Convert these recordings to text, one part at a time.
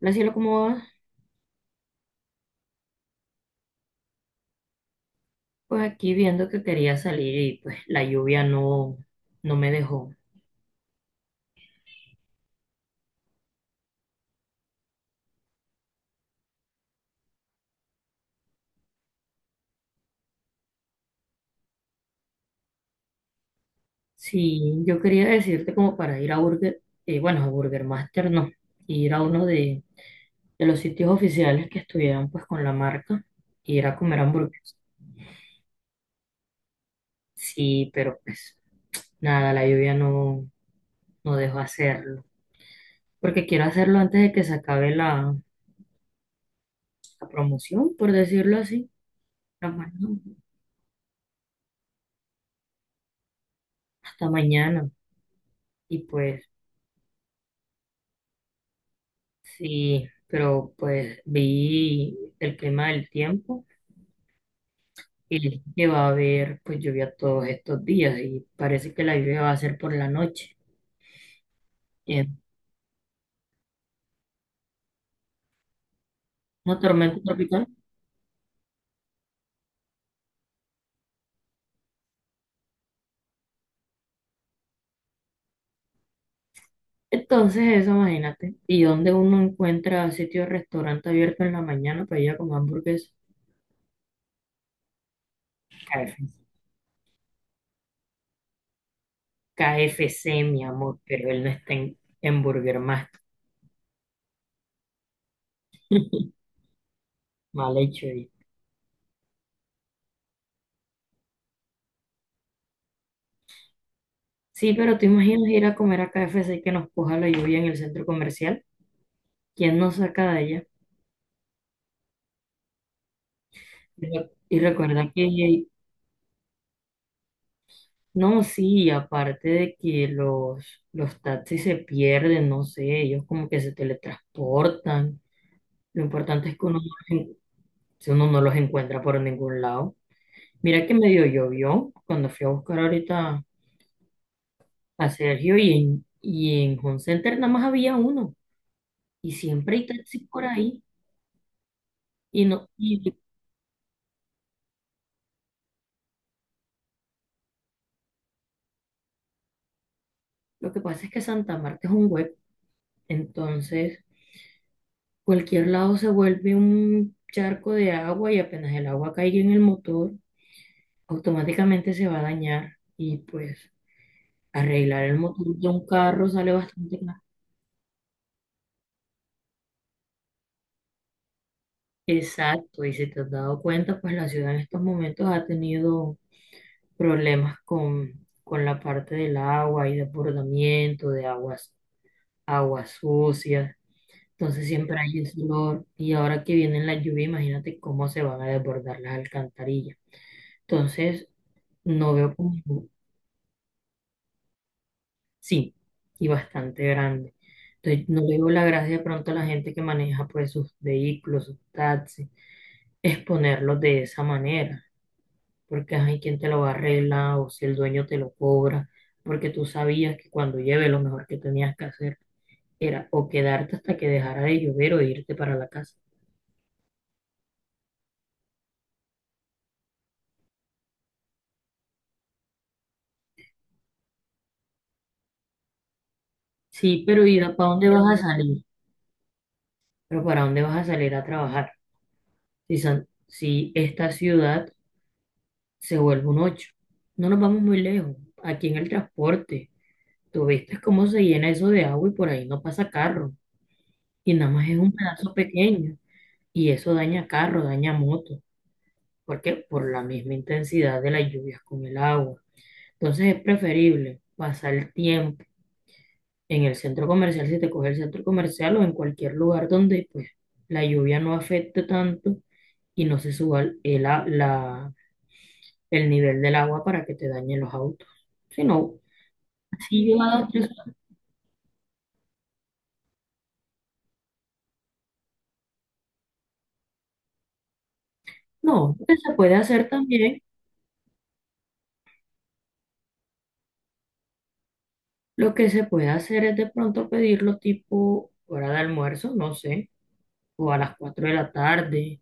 La cielo, ¿cómo va? Pues aquí viendo que quería salir y pues la lluvia no me dejó. Sí, yo quería decirte como para ir a Burger, bueno, a Burger Master no, ir a uno de los sitios oficiales que estuvieran pues con la marca y ir a comer hamburguesas. Sí, pero pues nada, la lluvia no dejó hacerlo. Porque quiero hacerlo antes de que se acabe la promoción, por decirlo así. Hasta mañana. Hasta mañana. Y pues sí, pero pues vi el clima del tiempo y dije que va a haber pues lluvia todos estos días y parece que la lluvia va a ser por la noche. En Una tormenta tropical. Entonces eso, imagínate. Y dónde uno encuentra sitio de restaurante abierto en la mañana para ir a comer hamburguesa. K F C, mi amor, pero él no está en Burger Master. Mal hecho ahí. Sí, pero tú imaginas ir a comer a K F C y que nos coja la lluvia en el centro comercial. ¿Quién nos saca de allá? Y recuerda que, no, sí, aparte de que los taxis se pierden, no sé, ellos como que se teletransportan. Lo importante es que uno, no los si uno no los encuentra por ningún lado. Mira que medio llovió cuando fui a buscar ahorita a Sergio y en Home Center nada más había uno. Y siempre hay taxis por ahí. Y, no, y lo que pasa es que Santa Marta es un web, entonces. Cualquier lado se vuelve un charco de agua y apenas el agua caiga en el motor, automáticamente se va a dañar y pues arreglar el motor de un carro sale bastante caro. Exacto, y si te has dado cuenta, pues la ciudad en estos momentos ha tenido problemas con la parte del agua y desbordamiento de aguas sucias. Entonces siempre hay ese olor y ahora que vienen las lluvias, imagínate cómo se van a desbordar las alcantarillas. Entonces, no veo como. Sí, y bastante grande. Entonces, no le veo la gracia de pronto a la gente que maneja pues sus vehículos, sus taxis, exponerlos de esa manera, porque hay quien te lo va a arreglar o si el dueño te lo cobra, porque tú sabías que cuando lleve lo mejor que tenías que hacer era o quedarte hasta que dejara de llover o irte para la casa. Sí, pero ¿y para dónde vas a salir? Pero ¿para dónde vas a salir a trabajar? Si esta ciudad se vuelve un ocho, no nos vamos muy lejos, aquí en el transporte. Tú viste cómo se llena eso de agua y por ahí no pasa carro. Y nada más es un pedazo pequeño. Y eso daña carro, daña moto. Porque por la misma intensidad de las lluvias con el agua. Entonces es preferible pasar el tiempo en el centro comercial, si te coge el centro comercial o en cualquier lugar donde pues la lluvia no afecte tanto y no se suba el nivel del agua para que te dañen los autos. Si no, si yo no, lo que se puede hacer también. Lo que se puede hacer es de pronto pedirlo tipo hora de almuerzo, no sé, o a las 4 de la tarde,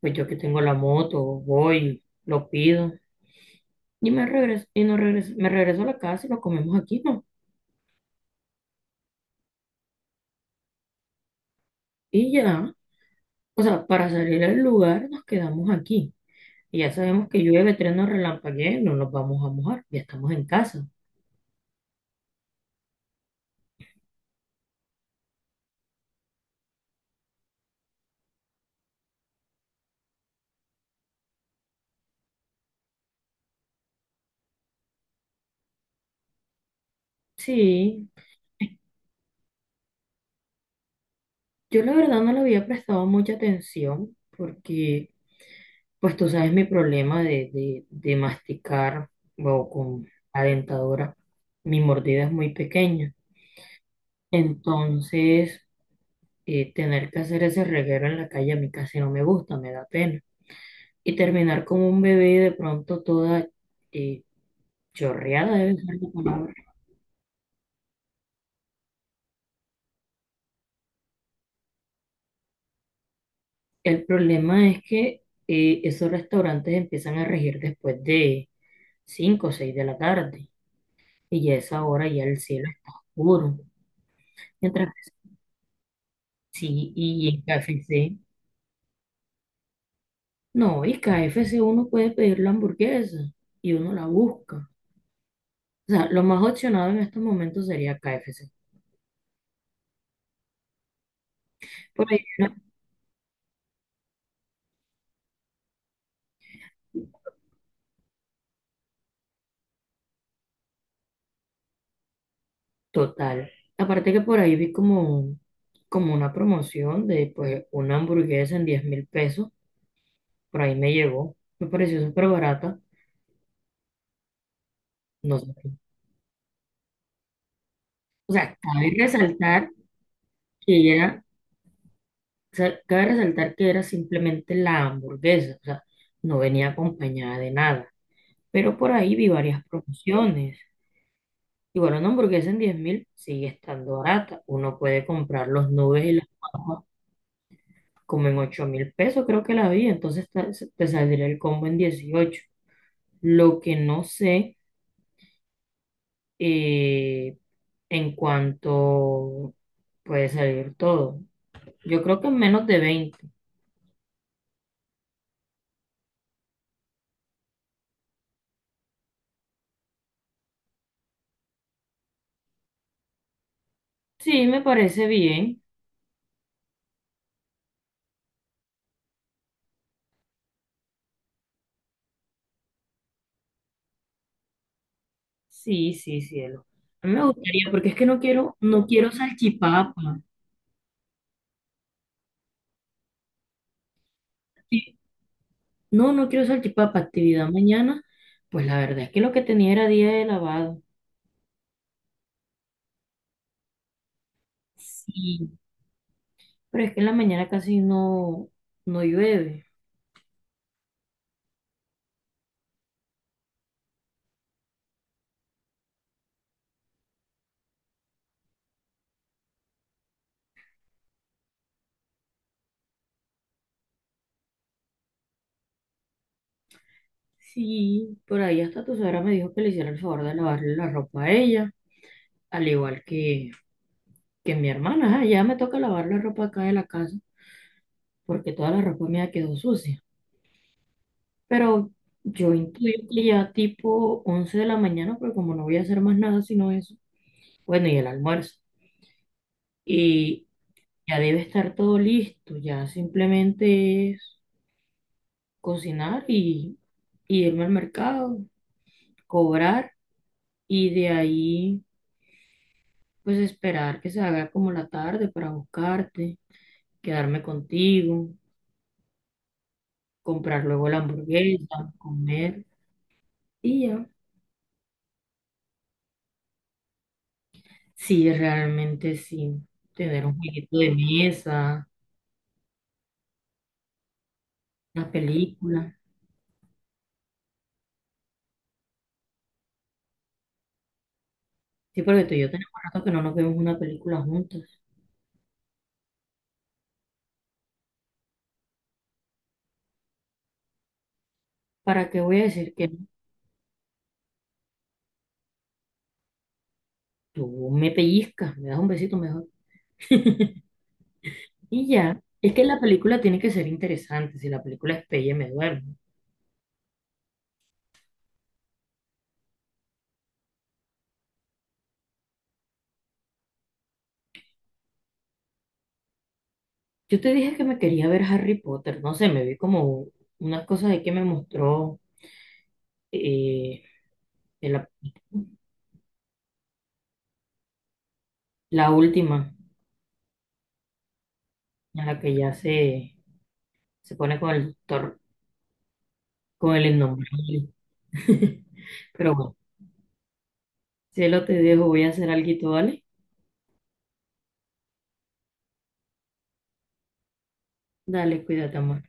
pues yo que tengo la moto, voy, lo pido y me regreso, y no regreso, me regreso a la casa y lo comemos aquí, ¿no? Y ya, o sea, para salir del lugar nos quedamos aquí. Y ya sabemos que llueve, trueno, relampaguee, no nos vamos a mojar, ya estamos en casa. Sí, yo la verdad no le había prestado mucha atención porque pues tú sabes mi problema de, masticar o con la dentadura. Mi mordida es muy pequeña. Entonces, tener que hacer ese reguero en la calle a mí casi no me gusta, me da pena. Y terminar como un bebé de pronto toda, eh, chorreada, debe ser la palabra. El problema es que esos restaurantes empiezan a regir después de 5 o 6 de la tarde. Y ya a esa hora ya el cielo está oscuro. Mientras que sí, y en KFC. No, y KFC uno puede pedir la hamburguesa y uno la busca. O sea, lo más opcionado en estos momentos sería KFC. Por ahí, total. Aparte que por ahí vi como una promoción de pues una hamburguesa en 10.000 pesos. Por ahí me llegó. Me pareció súper barata. No sé. O sea, cabe resaltar que era, o sea, cabe resaltar que era simplemente la hamburguesa. O sea, no venía acompañada de nada. Pero por ahí vi varias promociones. Y bueno, una hamburguesa en 10 mil sigue estando barata. Uno puede comprar los nubes y las papas como en 8.000 pesos, creo que la vi. Entonces te saldría el combo en 18. Lo que no sé, eh, en cuanto puede salir todo. Yo creo que en menos de 20. Sí, me parece bien. Sí, sí, cielo. A mí me gustaría, porque es que no quiero salchipapa. Sí, no, no quiero salchipapa, actividad mañana. Pues la verdad es que lo que tenía era día de lavado. Sí, pero es que en la mañana casi no llueve. Sí, por ahí hasta tu suegra me dijo que le hiciera el favor de lavarle la ropa a ella, al igual que mi hermana. Ah, ya me toca lavar la ropa acá de la casa, porque toda la ropa mía quedó sucia. Pero yo intuyo que ya tipo 11 de la mañana, porque como no voy a hacer más nada sino eso, bueno, y el almuerzo. Y ya debe estar todo listo, ya simplemente es cocinar y irme al mercado, cobrar y de ahí pues esperar que se haga como la tarde para buscarte, quedarme contigo, comprar luego la hamburguesa, comer y ya. Sí, realmente sí, tener un jueguito de mesa, una película. Sí, porque tú y yo tenemos rato que no nos vemos una película juntas. ¿Para qué voy a decir que no? Tú me pellizcas, me das un besito mejor. Y ya, es que la película tiene que ser interesante, si la película es pelle me duermo. Yo te dije que me quería ver Harry Potter, no sé, me vi como unas cosas ahí que me mostró, eh, de la última, en la que ya se pone con el doctor, con el innombrable. Pero bueno, si lo te dejo, voy a hacer alguito, ¿vale? Dale, cuídate, amor.